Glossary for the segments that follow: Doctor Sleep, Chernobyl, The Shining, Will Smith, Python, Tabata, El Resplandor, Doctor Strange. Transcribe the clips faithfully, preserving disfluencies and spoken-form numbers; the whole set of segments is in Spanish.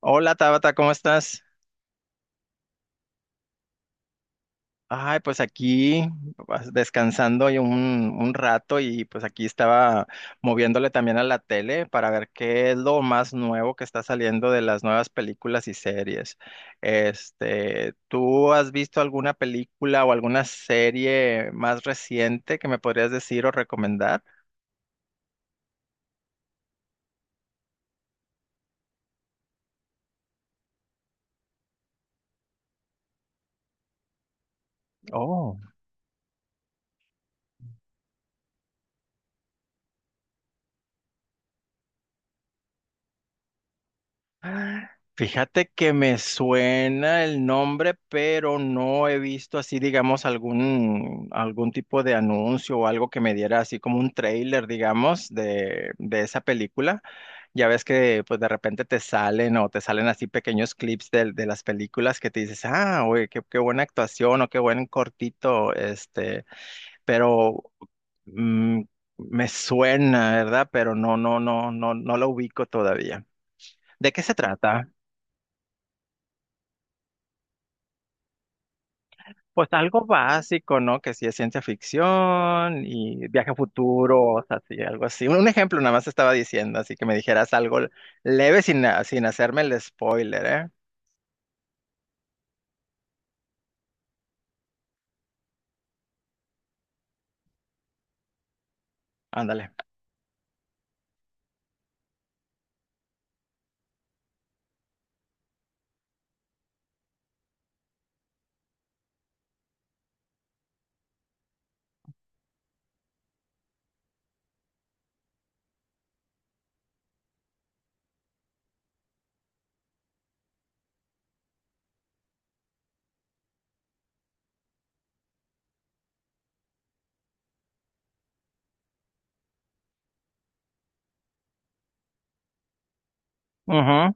Hola Tabata, ¿cómo estás? Ay, pues aquí pues, descansando y un, un rato y pues aquí estaba moviéndole también a la tele para ver qué es lo más nuevo que está saliendo de las nuevas películas y series. Este, ¿tú has visto alguna película o alguna serie más reciente que me podrías decir o recomendar? Fíjate que me suena el nombre, pero no he visto así, digamos, algún, algún tipo de anuncio o algo que me diera así como un trailer, digamos, de, de esa película. Ya ves que pues de repente te salen o te salen así pequeños clips del- de, las películas que te dices, ah, oye, qué, qué buena actuación o qué buen cortito, este, pero mm, me suena, ¿verdad? Pero no, no, no, no, no lo ubico todavía. ¿De qué se trata? Pues algo básico, ¿no? Que sí es ciencia ficción y viaje a futuro, o sea, sí, algo así. Un, un ejemplo nada más estaba diciendo, así que me dijeras algo leve sin, a- sin hacerme el spoiler, ¿eh? Ándale. Ujú.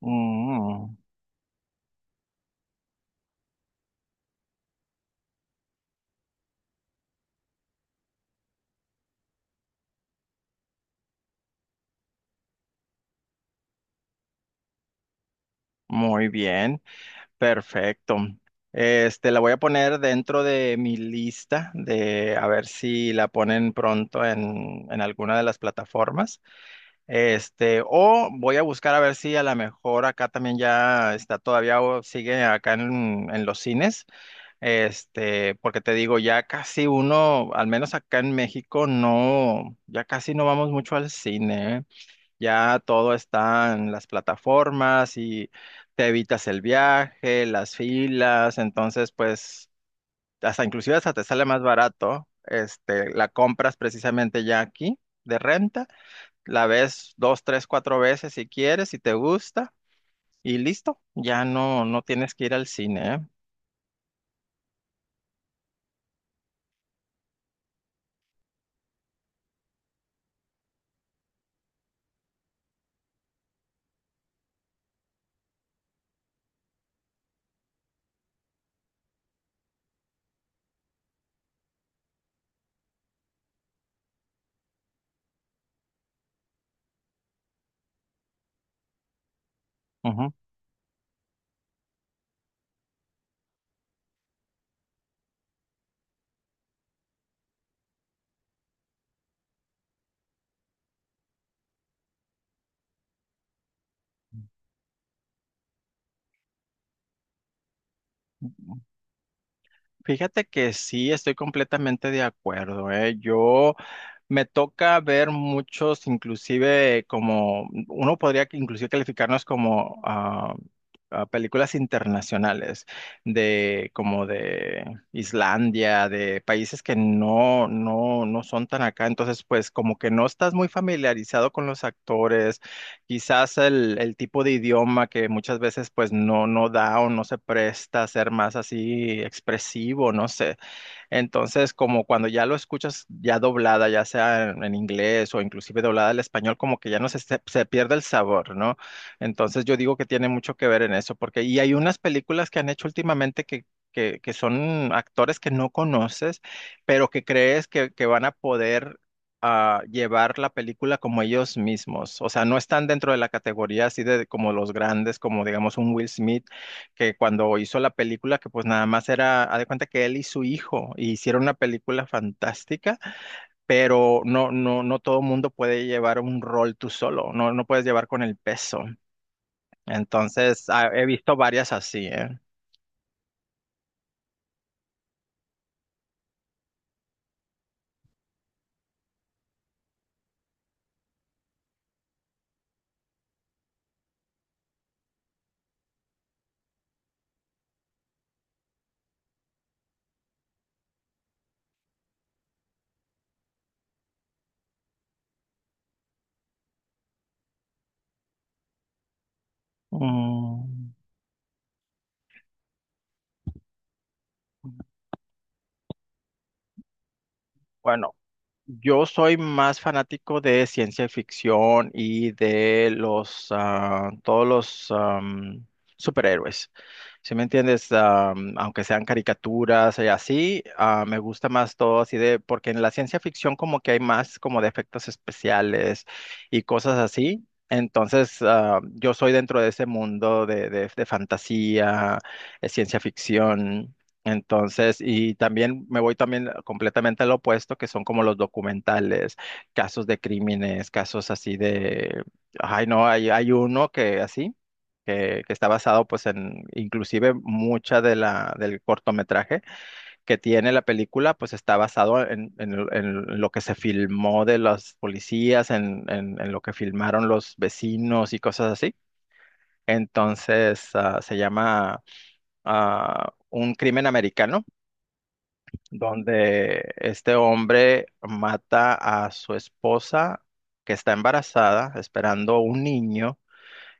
Mm, Muy bien, perfecto. Este, la voy a poner dentro de mi lista de a ver si la ponen pronto en, en alguna de las plataformas. Este, o voy a buscar a ver si a lo mejor acá también ya está todavía o sigue acá en, en los cines. Este, porque te digo, ya casi uno, al menos acá en México, no, ya casi no vamos mucho al cine, ¿eh? Ya todo está en las plataformas y te evitas el viaje, las filas, entonces pues hasta inclusive hasta te sale más barato. Este, la compras precisamente ya aquí de renta, la ves dos, tres, cuatro veces si quieres, si te gusta, y listo, ya no, no tienes que ir al cine, ¿eh? Ujú. Fíjate que sí, estoy completamente de acuerdo, ¿eh? Yo me toca ver muchos, inclusive como, uno podría que inclusive calificarnos como ah, ah, películas internacionales, de como de Islandia, de países que no, no, no son tan acá, entonces pues como que no estás muy familiarizado con los actores. Quizás el, el tipo de idioma que muchas veces pues no, no da o no se presta a ser más así expresivo, no sé. Entonces, como cuando ya lo escuchas ya doblada, ya sea en, en inglés o inclusive doblada al español, como que ya no se, se- se pierde el sabor, ¿no? Entonces, yo digo que tiene mucho que ver en eso, porque y hay unas películas que han hecho últimamente que que, que, son actores que no conoces, pero que crees que, que van a poder ah, llevar la película como ellos mismos. O sea, no están dentro de la categoría así de como los grandes, como digamos un Will Smith que cuando hizo la película, que pues nada más era, haz de cuenta que él y su hijo hicieron una película fantástica, pero no, no, no todo mundo puede llevar un rol tú solo, no, no puedes llevar con el peso. Entonces, ah, he visto varias así, ¿eh? Mm, Bueno. Yo soy más fanático de ciencia ficción y de los ah, todos los am, superhéroes. ¿Sí me entiendes? Am, aunque sean caricaturas y así, ah, me gusta más todo así de, porque en la ciencia ficción como que hay más como de efectos especiales y cosas así. Entonces, ah, yo soy dentro de ese mundo de, de, de fantasía, eh, ciencia ficción. Entonces, y también me voy también completamente al opuesto, que son como los documentales, casos de crímenes, casos así de, ay no, hay, hay uno que así, que, que está basado pues en, inclusive mucha de la, del cortometraje que tiene la película, pues está basado en, en, el- en lo que se filmó de las policías, en, en, en lo que filmaron los vecinos y cosas así. Entonces, ah, se llama ah, Un crimen americano, donde este hombre mata a su esposa que está embarazada, esperando un niño,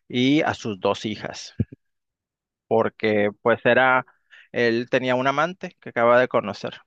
y a sus dos hijas, porque pues era, él tenía un amante que acaba de conocer.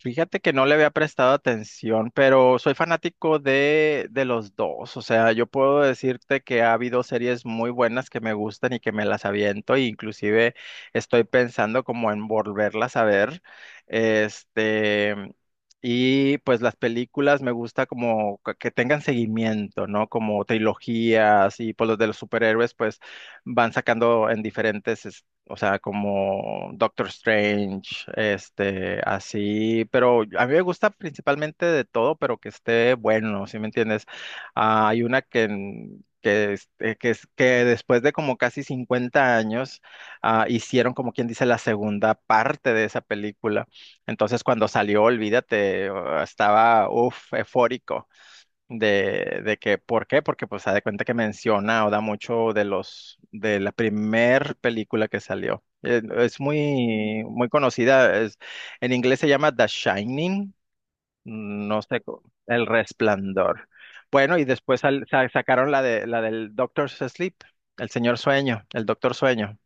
Fíjate que no le había prestado atención, pero soy fanático de, de los dos. O sea, yo puedo decirte que ha habido series muy buenas que me gustan y que me las aviento, e inclusive estoy pensando como en volverlas a ver. Este, y pues las películas me gusta como que que tengan seguimiento, ¿no? Como trilogías y pues los de los superhéroes pues van sacando en diferentes, o sea, como Doctor Strange, este, así, pero a mí me gusta principalmente de todo, pero que esté bueno, ¿sí me entiendes? Ah, hay una que, en- que, es- eh, que, es- que después de como casi cincuenta años, ah, hicieron como quien dice la segunda parte de esa película. Entonces, cuando salió, olvídate, eh, estaba, uff, eufórico de, de que, ¿por qué? Porque pues se da cuenta que menciona o da mucho de los, de la primer película que salió. Eh, Es muy, muy conocida, es, en inglés se llama The Shining, mm, no sé, co- El Resplandor. Bueno, y después sal- sa- sacaron la de, la del Doctor Sleep, el señor sueño, el doctor sueño.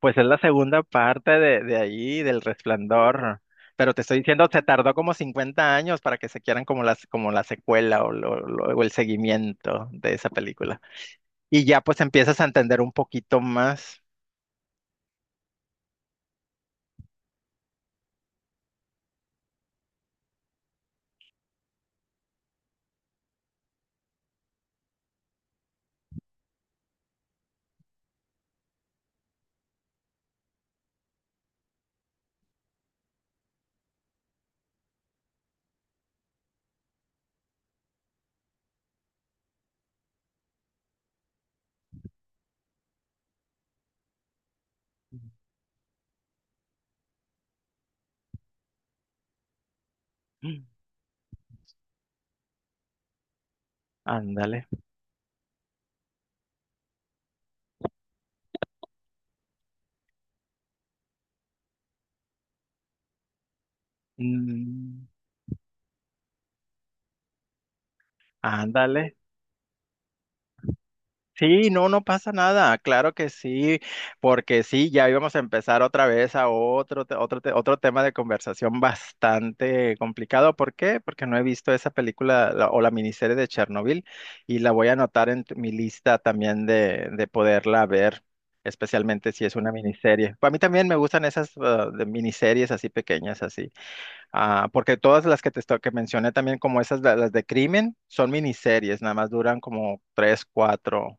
Pues es la segunda parte de, de ahí, del Resplandor. Pero te estoy diciendo, se tardó como cincuenta años para que se quieran como las, como la secuela o, lo- lo- o el seguimiento de esa película. Y ya pues empiezas a entender un poquito más. Mm. Ándale. Mm, ándale. Sí, no, no pasa nada, claro que sí, porque sí, ya íbamos a empezar otra vez a otro, te- otro, te- otro tema de conversación bastante complicado. ¿Por qué? Porque no he visto esa película, la- o la miniserie de Chernobyl, y la voy a anotar en tu- mi lista también de, de poderla ver, especialmente si es una miniserie. A mí también me gustan esas, ah, de miniseries así pequeñas, así, ah, porque todas las que te esto- que mencioné también, como esas, la- las de crimen, son miniseries, nada más duran como tres, cuatro,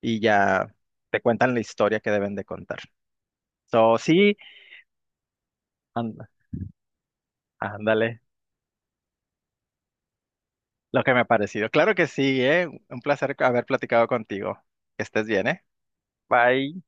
y ya te cuentan la historia que deben de contar. So, sí, and- ándale, lo que me ha parecido. Claro que sí, ¿eh? Un placer haber platicado contigo. Que estés bien, ¿eh? Bye.